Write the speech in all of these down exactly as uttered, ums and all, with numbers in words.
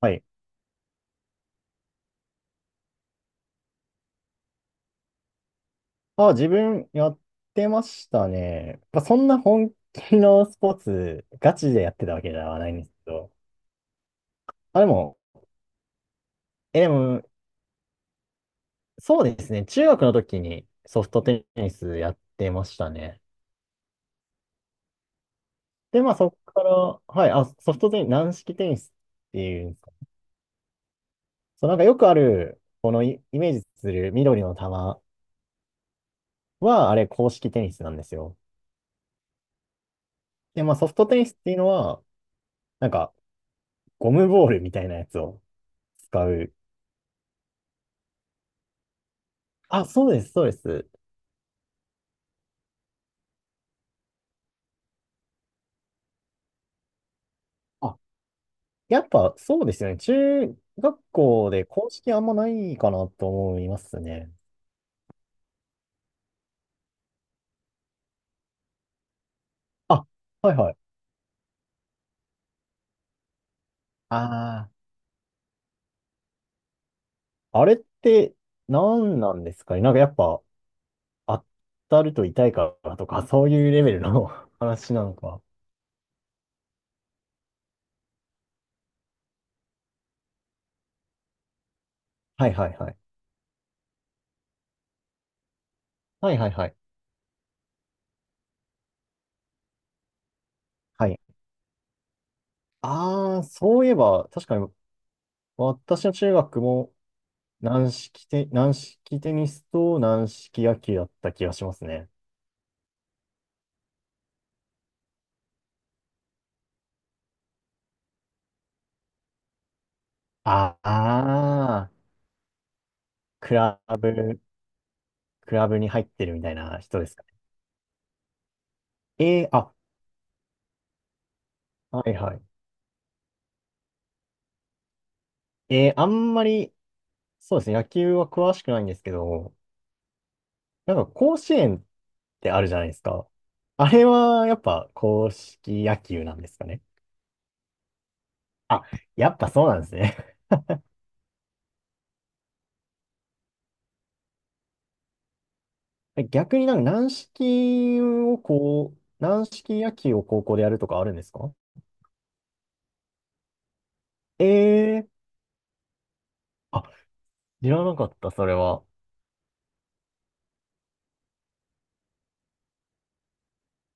はい。あ、自分やってましたね。まあ、そんな本気のスポーツ、ガチでやってたわけではないんですけど。あ、でも、え、でも、そうですね。中学の時にソフトテニスやってましたね。で、まあそこから、はい、あ、ソフトテニス、軟式テニスっていうんですか。そう、なんかよくある、このイ、イメージする緑の球は、あれ、公式テニスなんですよ。で、まあソフトテニスっていうのは、なんか、ゴムボールみたいなやつを使う。あ、そうです、そうです。あ、やっぱそうですよね。中学校で公式あんまないかなと思いますね。あ、はいはい。ああ、あれって何なんですかね。なんかやっぱ当たると痛いからとか、そういうレベルの 話なのか。はいはいはい。はいはいはい。はい。ああ、そういえば、確かに私の中学も軟式テ、軟式テニスと軟式野球だった気がしますね。ああ、クラブクラブに入ってるみたいな人ですかね。えー、あ、はいはい。えー、あんまり、そうですね、野球は詳しくないんですけど、なんか甲子園ってあるじゃないですか。あれはやっぱ硬式野球なんですかね。あ、やっぱそうなんですね。逆になんか軟式をこう、軟式野球を高校でやるとかあるんですか？ええー、あ、知らなかった、それは。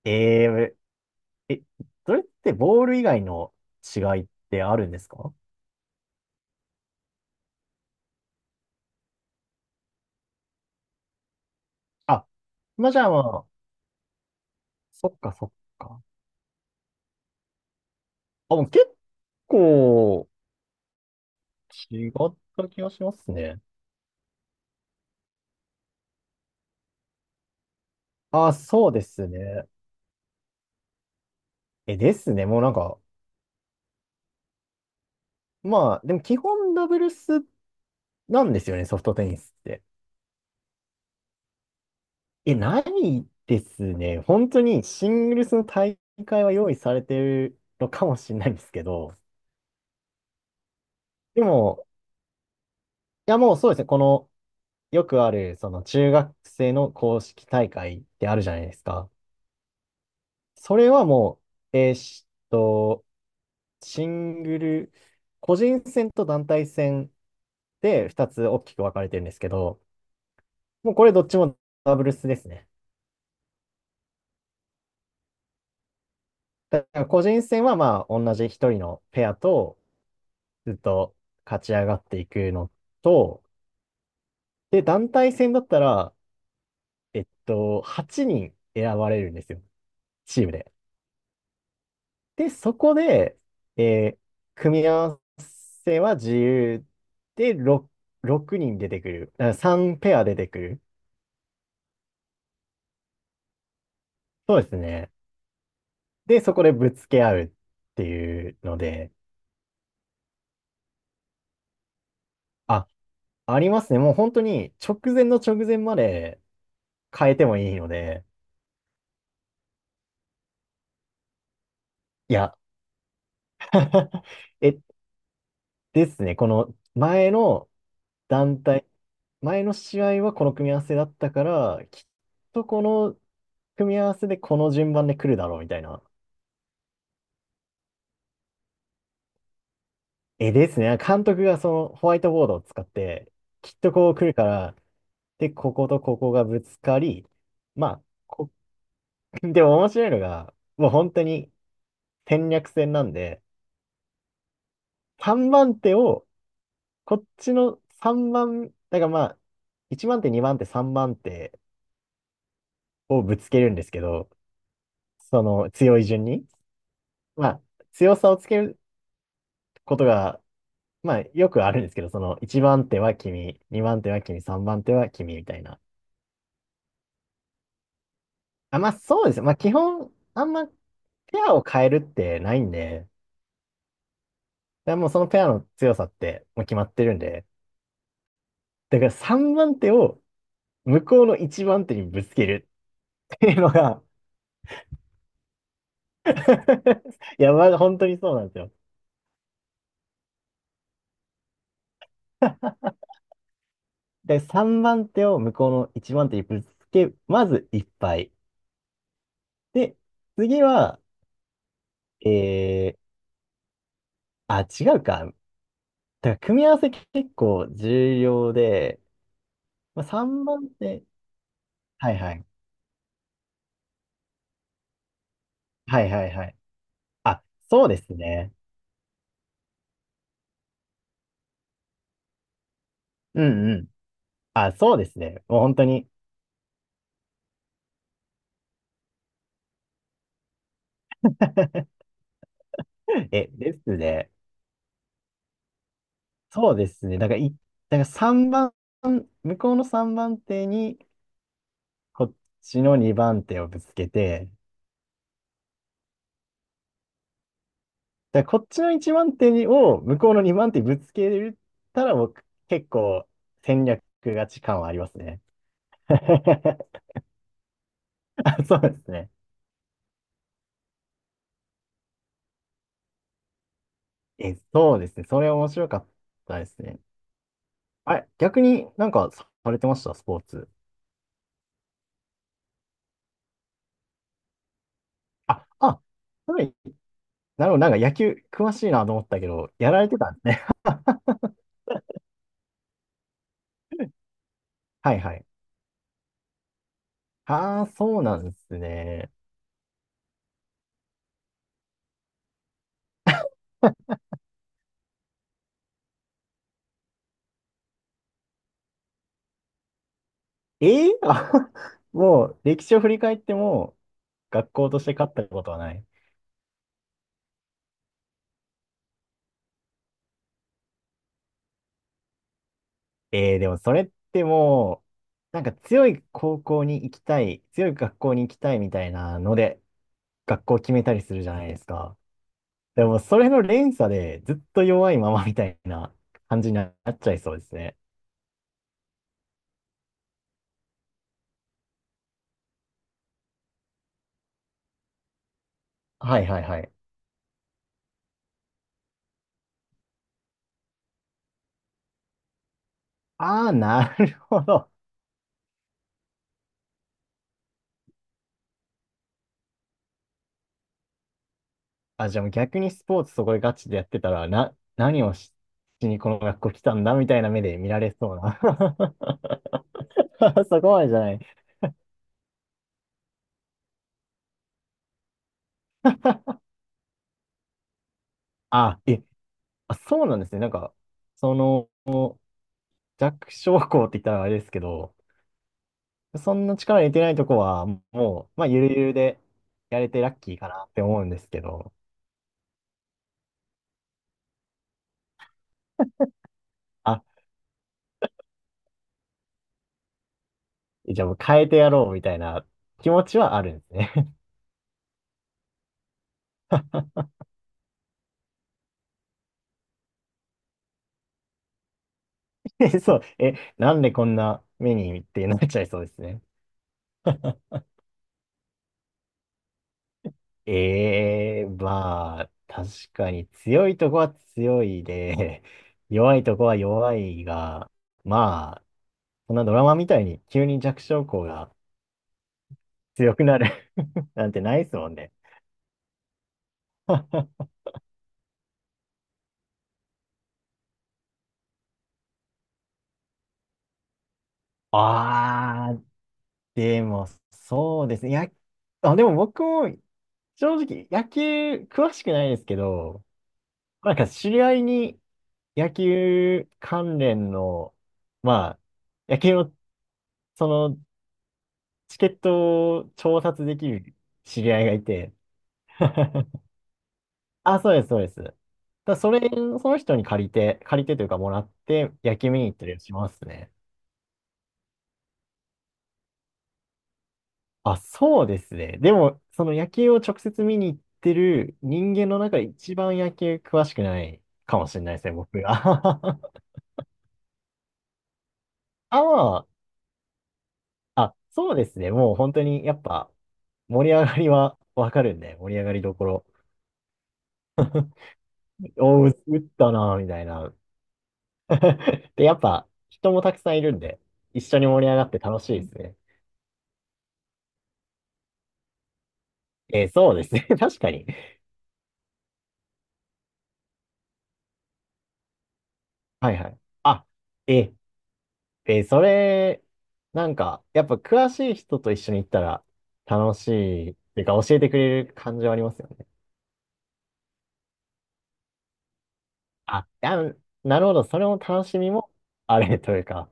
ええー、え、それってボール以外の違いってあるんですか？あ、まあじゃあまあ、そっかそっか。あ、もう結構違った気がしますね。あ、そうですね。え、ですね。もうなんか、まあ、でも基本ダブルスなんですよね、ソフトテニスって。え、ないですね。本当にシングルスの大会は用意されてるのかもしれないんですけど、でも、いやもうそうですね。この、よくある、その中学生の公式大会ってあるじゃないですか。それはもう、えーっと、シングル、個人戦と団体戦でふたつ大きく分かれてるんですけど、もうこれどっちもダブルスですね。だから個人戦はまあ同じひとりのペアとずっと勝ち上がっていくのと、で、団体戦だったら、えっと、はちにん選ばれるんですよ、チームで。で、そこで、えー組み合わせは自由で6、ろくにん出てくる。さんペアペア出てくる。そうですね。で、そこでぶつけ合うっていうので、あ、ありますね。もう本当に直前の直前まで変えてもいいので、いや、え、ですね。この前の団体、前の試合はこの組み合わせだったから、きっとこの組み合わせでこの順番で来るだろうみたいな。え、ですね。監督がそのホワイトボードを使って、きっとこう来るから、で、こことここがぶつかり、まあ、こ でも面白いのが、もう本当に戦略戦なんで、さんばんて手を、こっちのさんばん、だからまあ、いちばんて手、にばんて手、さんばんて手をぶつけるんですけど、その強い順に、まあ、強さをつけることが、まあ、よくあるんですけど、そのいちばんて手は君、にばんて手は君、さんばんて手は君みたいな。あ、まあそうです。まあ基本、あんまペアを変えるってないんで、だからもうそのペアの強さってもう決まってるんで、だからさんばんて手を、向こうのいちばんてにぶつけるっていうのが いや、まあ本当にそうなんですよ。で、さんばんて手を向こうのいちばんて手にぶつけ、まずいっぱい。で、次は、えー、あ、違うか。だから組み合わせ結構重要で、まあ、さんばんて手、はいはい。はいはいはい。あ、そうですね。うんうん。あ、そうですね。もう本当に。え、ですね。そうですね。だから、い、だからさんばん、向こうのさんばんて手に、こっちのにばんて手をぶつけて、だからこっちのいちばんて手にを向こうのにばんて手にぶつけれたら、僕、結構戦略勝ち感はありますね。あ、そうですね。え、そうですね。それ面白かったですね。あれ、逆になんかされてましたスポーツ？あ、あ、はい。なるほど。なんか野球詳しいなと思ったけど、やられてたんですね。はいはい。ああ、そうなんですね。ええあ もう歴史を振り返っても学校として勝ったことはない。ええ、でもそれってもう、なんか強い高校に行きたい、強い学校に行きたいみたいなので、学校を決めたりするじゃないですか。でもそれの連鎖でずっと弱いままみたいな感じになっちゃいそうですね。はいはいはい。ああ、なるほど。あ、じゃあもう逆にスポーツそこでガチでやってたら、な、何をし、しにこの学校来たんだみたいな目で見られそうな。そこまでじゃない。あ、え、あ、そうなんですね。なんか、その、弱小校って言ったらあれですけど、そんな力入れてないとこは、もう、まあ、ゆるゆるでやれてラッキーかなって思うんですけど、あ、じゃあもう変えてやろうみたいな気持ちはあるんですね。そう、え、なんでこんな目にってなっちゃいそうですね。ええ、まあ、確かに強いとこは強いで、弱いとこは弱いが、まあ、そんなドラマみたいに急に弱小校が強くなる なんてないですもんね。ああ、でも、そうですね。や、あ、でも僕も正直野球詳しくないですけど、なんか知り合いに野球関連の、まあ、野球のそのチケットを調達できる知り合いがいて。あ、そうです、そうです。だからそれ、その人に借りて、借りてというかもらって、野球見に行ったりしますね。あ、そうですね。でも、その野球を直接見に行ってる人間の中で一番野球詳しくないかもしれないですね、僕が。あ、まあ、あ、そうですね。もう本当にやっぱ盛り上がりはわかるんで、盛り上がりどころ。おう、打ったな、みたいな。で、やっぱ人もたくさんいるんで、一緒に盛り上がって楽しいですね。えーそうですね。確かに。はいはい。あ、え、えーそれ、なんか、やっぱ詳しい人と一緒に行ったら楽しいっていうか教えてくれる感じはありますよね。あ、あの、なるほど。それも楽しみもあれというか、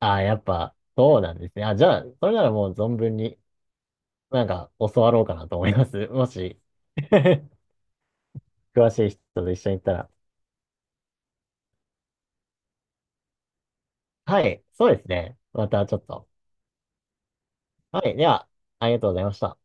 あ、やっぱそうなんですね。あ、じゃあ、それならもう存分になんか教わろうかなと思います。もし、詳しい人と一緒に行ったら。はい。そうですね。またちょっと。はい。では、ありがとうございました。